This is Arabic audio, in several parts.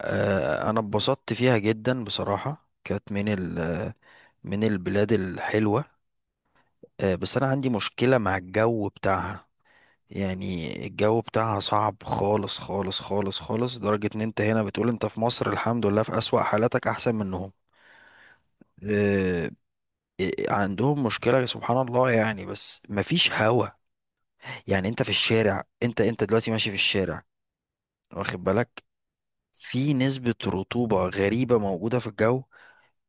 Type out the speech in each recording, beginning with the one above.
انا اتبسطت فيها جدا، بصراحة كانت من من البلاد الحلوة. بس انا عندي مشكلة مع الجو بتاعها. يعني الجو بتاعها صعب خالص خالص خالص خالص، لدرجة ان انت هنا بتقول انت في مصر الحمد لله في اسوأ حالاتك احسن منهم. آه، عندهم مشكلة سبحان الله، يعني بس مفيش هوا. يعني انت في الشارع، انت دلوقتي ماشي في الشارع، واخد بالك، في نسبة رطوبة غريبة موجودة في الجو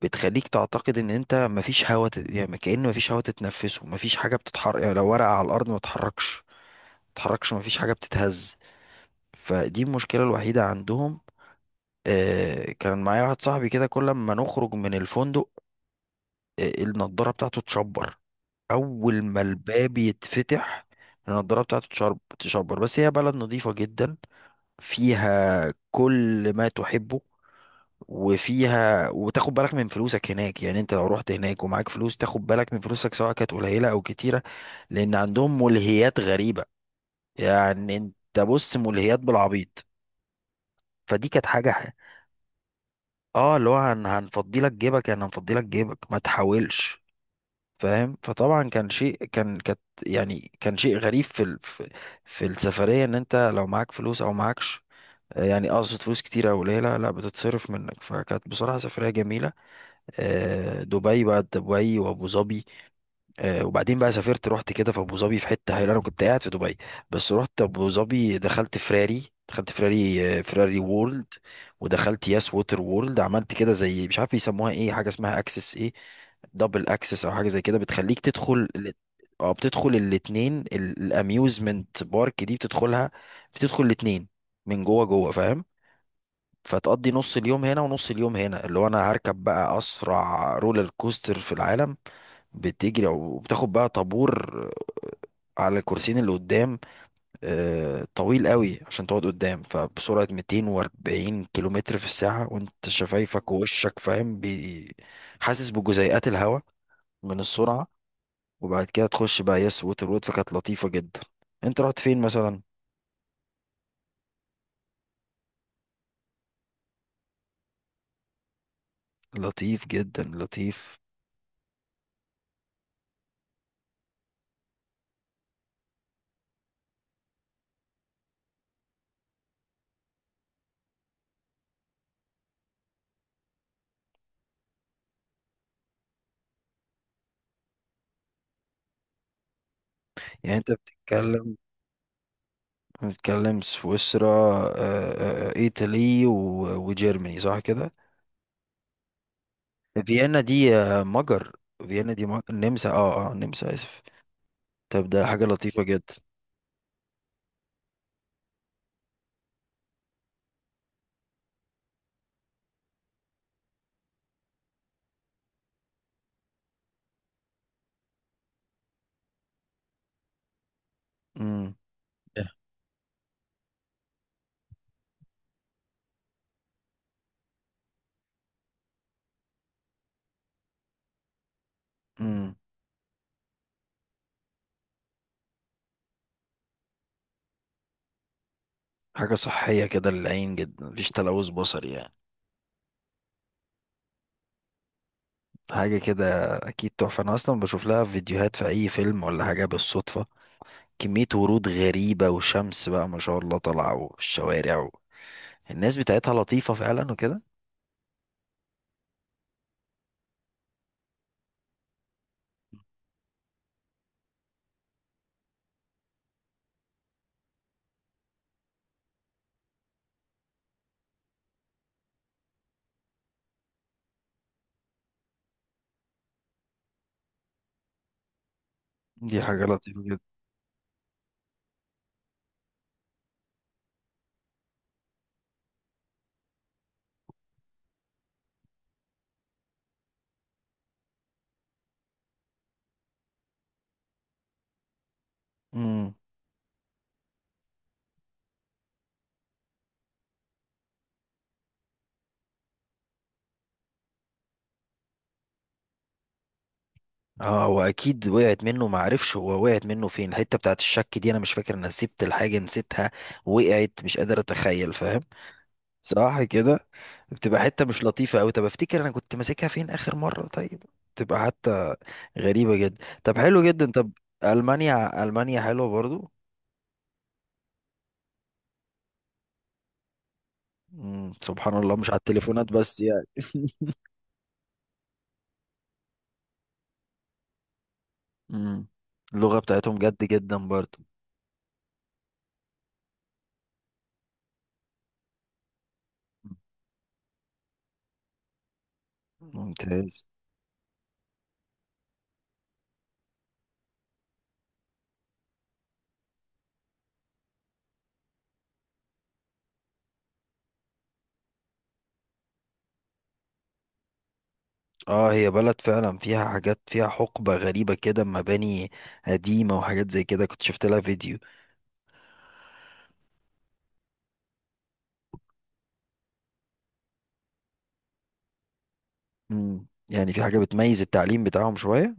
بتخليك تعتقد ان انت مفيش هوا يعني كأن مفيش هوا تتنفسه، مفيش حاجة بتتحرك. يعني لو ورقة على الأرض ما تتحركش تتحركش، مفيش حاجة بتتهز. فدي المشكلة الوحيدة عندهم. كان معايا واحد صاحبي كده، كل ما نخرج من الفندق النضارة بتاعته تشبر. أول ما الباب يتفتح النضارة بتاعته تشبر. بس هي بلد نظيفة جدا، فيها كل ما تحبه، وفيها، وتاخد بالك من فلوسك هناك. يعني انت لو رحت هناك ومعاك فلوس تاخد بالك من فلوسك، سواء كانت قليلة او كتيرة، لان عندهم ملهيات غريبة. يعني انت بص، ملهيات بالعبيط. فدي كانت اه، اللي هو هنفضي لك جيبك، يعني هنفضي لك جيبك ما تحاولش، فاهم. فطبعا كانت يعني كان شيء غريب في ال... في في السفرية، ان انت لو معاك فلوس او معاكش، يعني اقصد فلوس كتيرة او قليلة، لا بتتصرف منك. فكانت بصراحة سفرية جميلة. دبي بقى، دبي وابو ظبي. وبعدين بقى سافرت، رحت كده في ابو ظبي في حتة هايلة. انا كنت قاعد في دبي بس رحت ابو ظبي، دخلت فراري، فراري وورلد، ودخلت ياس ووتر وورلد. عملت كده زي مش عارف بيسموها ايه، حاجة اسمها اكسس ايه، دبل اكسس او حاجة زي كده، بتخليك تدخل اه، بتدخل الاتنين، الاميوزمنت بارك دي بتدخلها، بتدخل الاتنين من جوه جوه، فاهم. فتقضي نص اليوم هنا ونص اليوم هنا. اللي هو انا هركب بقى اسرع رولر كوستر في العالم. بتجري وبتاخد بقى طابور على الكرسيين اللي قدام، طويل قوي عشان تقعد قدام، فبسرعة 240 كيلومتر في الساعة، وانت شفايفك ووشك فاهم حاسس بجزيئات الهواء من السرعة. وبعد كده تخش بقى يس ووتر وود. فكانت لطيفة جدا. انت رحت فين مثلا؟ لطيف جدا، لطيف. يعني انت بنتكلم سويسرا، ايطالي وجيرماني، صح كده؟ فيينا دي آه، مجر فيينا دي مجر. النمسا، النمسا، اسف. طب ده حاجة لطيفة جدا. امم امم حاجة صحية كده للعين جدا، مفيش تلوث بصري يعني، حاجة كده. أكيد تحفة. أنا أصلا بشوف لها فيديوهات في أي فيلم ولا حاجة بالصدفة، كمية ورود غريبة وشمس بقى ما شاء الله طالعة، الناس بتاعتها لطيفة فعلا وكده. دي حاجة لطيفة جدا. اه هو اكيد وقعت منه، ما عرفش هو وقعت منه فين. الحته بتاعت الشك دي، انا مش فاكر انا سبت الحاجه نسيتها، وقعت، مش قادر اتخيل، فاهم، صح كده. بتبقى حته مش لطيفه قوي. طب افتكر انا كنت ماسكها فين اخر مره، طيب. تبقى حتى غريبه جدا. طب حلو جدا، طب. المانيا، المانيا حلوه برضو. مم. سبحان الله مش على التليفونات بس يعني. مم. اللغه بتاعتهم جد جدا برضو. ممتاز. اه هي بلد فعلا فيها حاجات، فيها حقبة غريبة كده، مباني قديمة وحاجات زي كده، كنت شفت لها فيديو. مم. يعني في حاجة بتميز التعليم بتاعهم شوية.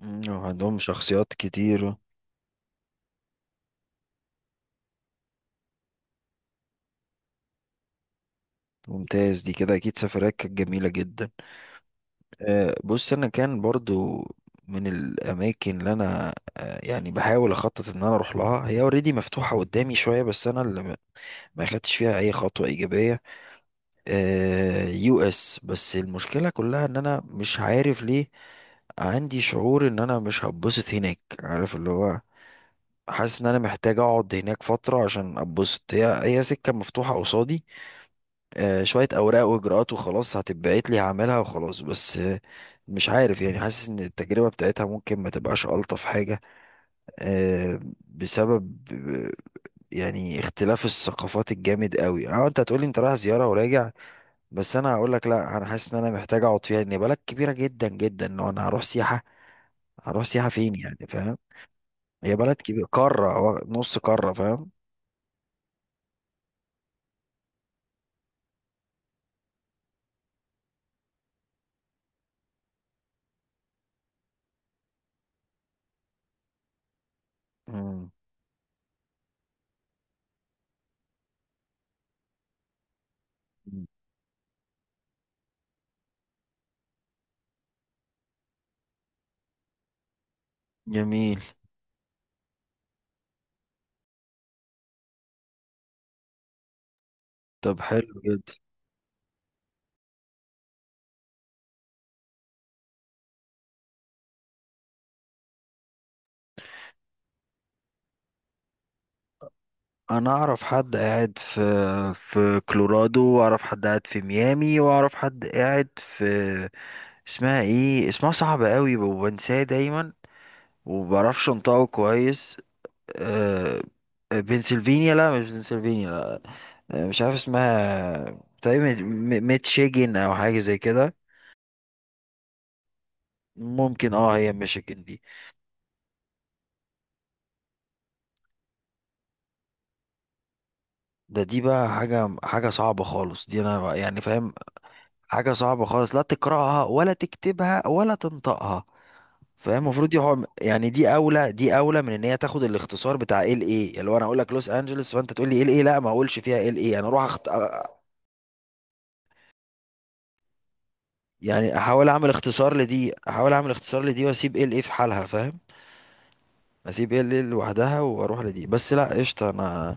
مم. وعندهم شخصيات كتير. ممتاز. دي كده أكيد سفريات كانت جميلة جدا. بص، أنا كان برضو من الأماكن اللي أنا يعني بحاول أخطط إن أنا أروح لها، هي اوريدي مفتوحة قدامي شوية، بس أنا اللي ما أخدتش فيها أي خطوة إيجابية، يو اس. بس المشكلة كلها ان انا مش عارف ليه، عندي شعور ان انا مش هتبسط هناك، عارف اللي هو، حاسس ان انا محتاج اقعد هناك فترة عشان اتبسط. هي سكة مفتوحة قصادي، شوية اوراق واجراءات وخلاص هتتبعت لي، هعملها وخلاص، بس مش عارف يعني، حاسس ان التجربة بتاعتها ممكن ما تبقاش الطف حاجة، آه، بسبب يعني اختلاف الثقافات الجامد قوي. اه انت هتقولي انت رايح زيارة وراجع، بس انا هقول لك لا، انا حاسس ان انا محتاج اقعد فيها، لان هي بلد كبيره جدا جدا. لو انا هروح سياحه، هروح سياحه فين يعني؟ فاهم. هي بلد كبيره، قاره أو نص قاره، فاهم. مم. جميل. طب حلو جدا. انا اعرف حد قاعد في كولورادو، واعرف حد قاعد في ميامي، واعرف حد قاعد في، اسمها ايه، اسمها صعب قوي وبنساه دايما، ومبعرفش انطقه كويس. أه... بنسلفانيا، لا مش بنسلفانيا، مش عارف اسمها، تقريبا ميتشيجن او حاجه زي كده. ممكن، اه، هي ميشيجن دي. ده دي بقى حاجه، حاجه صعبه خالص دي انا بقى- يعني فاهم، حاجه صعبه خالص، لا تقراها ولا تكتبها ولا تنطقها، فاهم. المفروض دي هو يعني، دي اولى من ان هي تاخد الاختصار بتاع ال ايه. اللي هو انا اقول لك لوس انجلوس فانت تقول لي ال ايه. لا ما اقولش فيها ال ايه، انا اروح يعني احاول اعمل اختصار لدي، واسيب ال ايه في حالها، فاهم. اسيب ال ايه لوحدها واروح لدي بس، لا قشطه. انا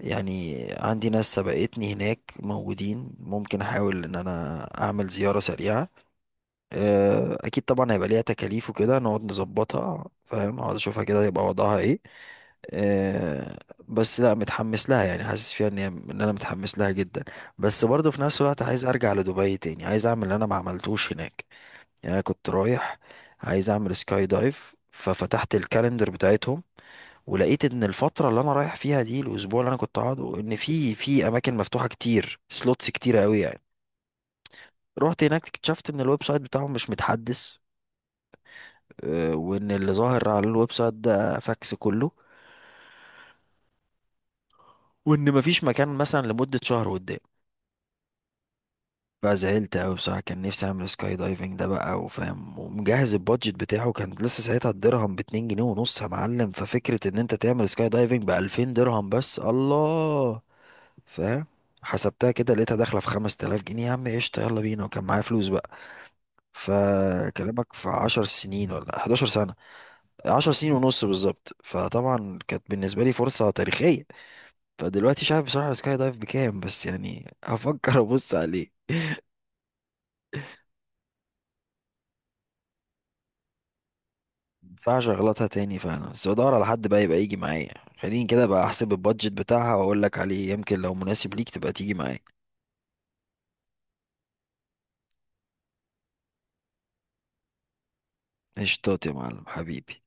يعني عندي ناس سبقتني هناك موجودين، ممكن احاول ان انا اعمل زيارة سريعة، اكيد طبعا هيبقى ليها تكاليف وكده، نقعد نظبطها فاهم، اقعد اشوفها كده يبقى وضعها ايه. آه، بس لا متحمس لها، يعني حاسس فيها ان ان انا متحمس لها جدا، بس برضه في نفس الوقت عايز ارجع لدبي تاني، عايز اعمل اللي انا ما عملتوش هناك. يعني أنا كنت رايح عايز اعمل سكاي دايف، ففتحت الكالندر بتاعتهم ولقيت ان الفتره اللي انا رايح فيها دي، الاسبوع اللي انا كنت قاعده، ان في اماكن مفتوحه كتير، سلوتس كتيره قوي يعني. رحت هناك اكتشفت ان الويب سايت بتاعهم مش متحدث، وان اللي ظاهر على الويب سايت ده فاكس كله، وان مفيش مكان مثلا لمده شهر قدام. فزعلت أوي بصراحة، كان نفسي أعمل سكاي دايفنج ده بقى، وفاهم، ومجهز البادجت بتاعه. كان لسه ساعتها الدرهم باتنين جنيه ونص يا معلم، ففكرة إن أنت تعمل سكاي دايفنج بألفين درهم بس، الله، فاهم. حسبتها كده لقيتها داخلة في خمس تلاف جنيه، يا عم قشطة، يلا بينا، وكان معايا فلوس بقى. فكلامك في عشر سنين ولا حداشر سنة، عشر سنين ونص بالظبط. فطبعا كانت بالنسبة لي فرصة تاريخية. فدلوقتي مش عارف بصراحة السكاي دايف بكام، بس يعني هفكر أبص عليه. ينفعش اغلطها تاني فعلا، بس بدور على حد بقى يبقى يجي معايا. خليني كده بقى احسب البادجت بتاعها واقول لك عليه، يمكن لو مناسب ليك تبقى تيجي معايا. قشطات يا معلم حبيبي.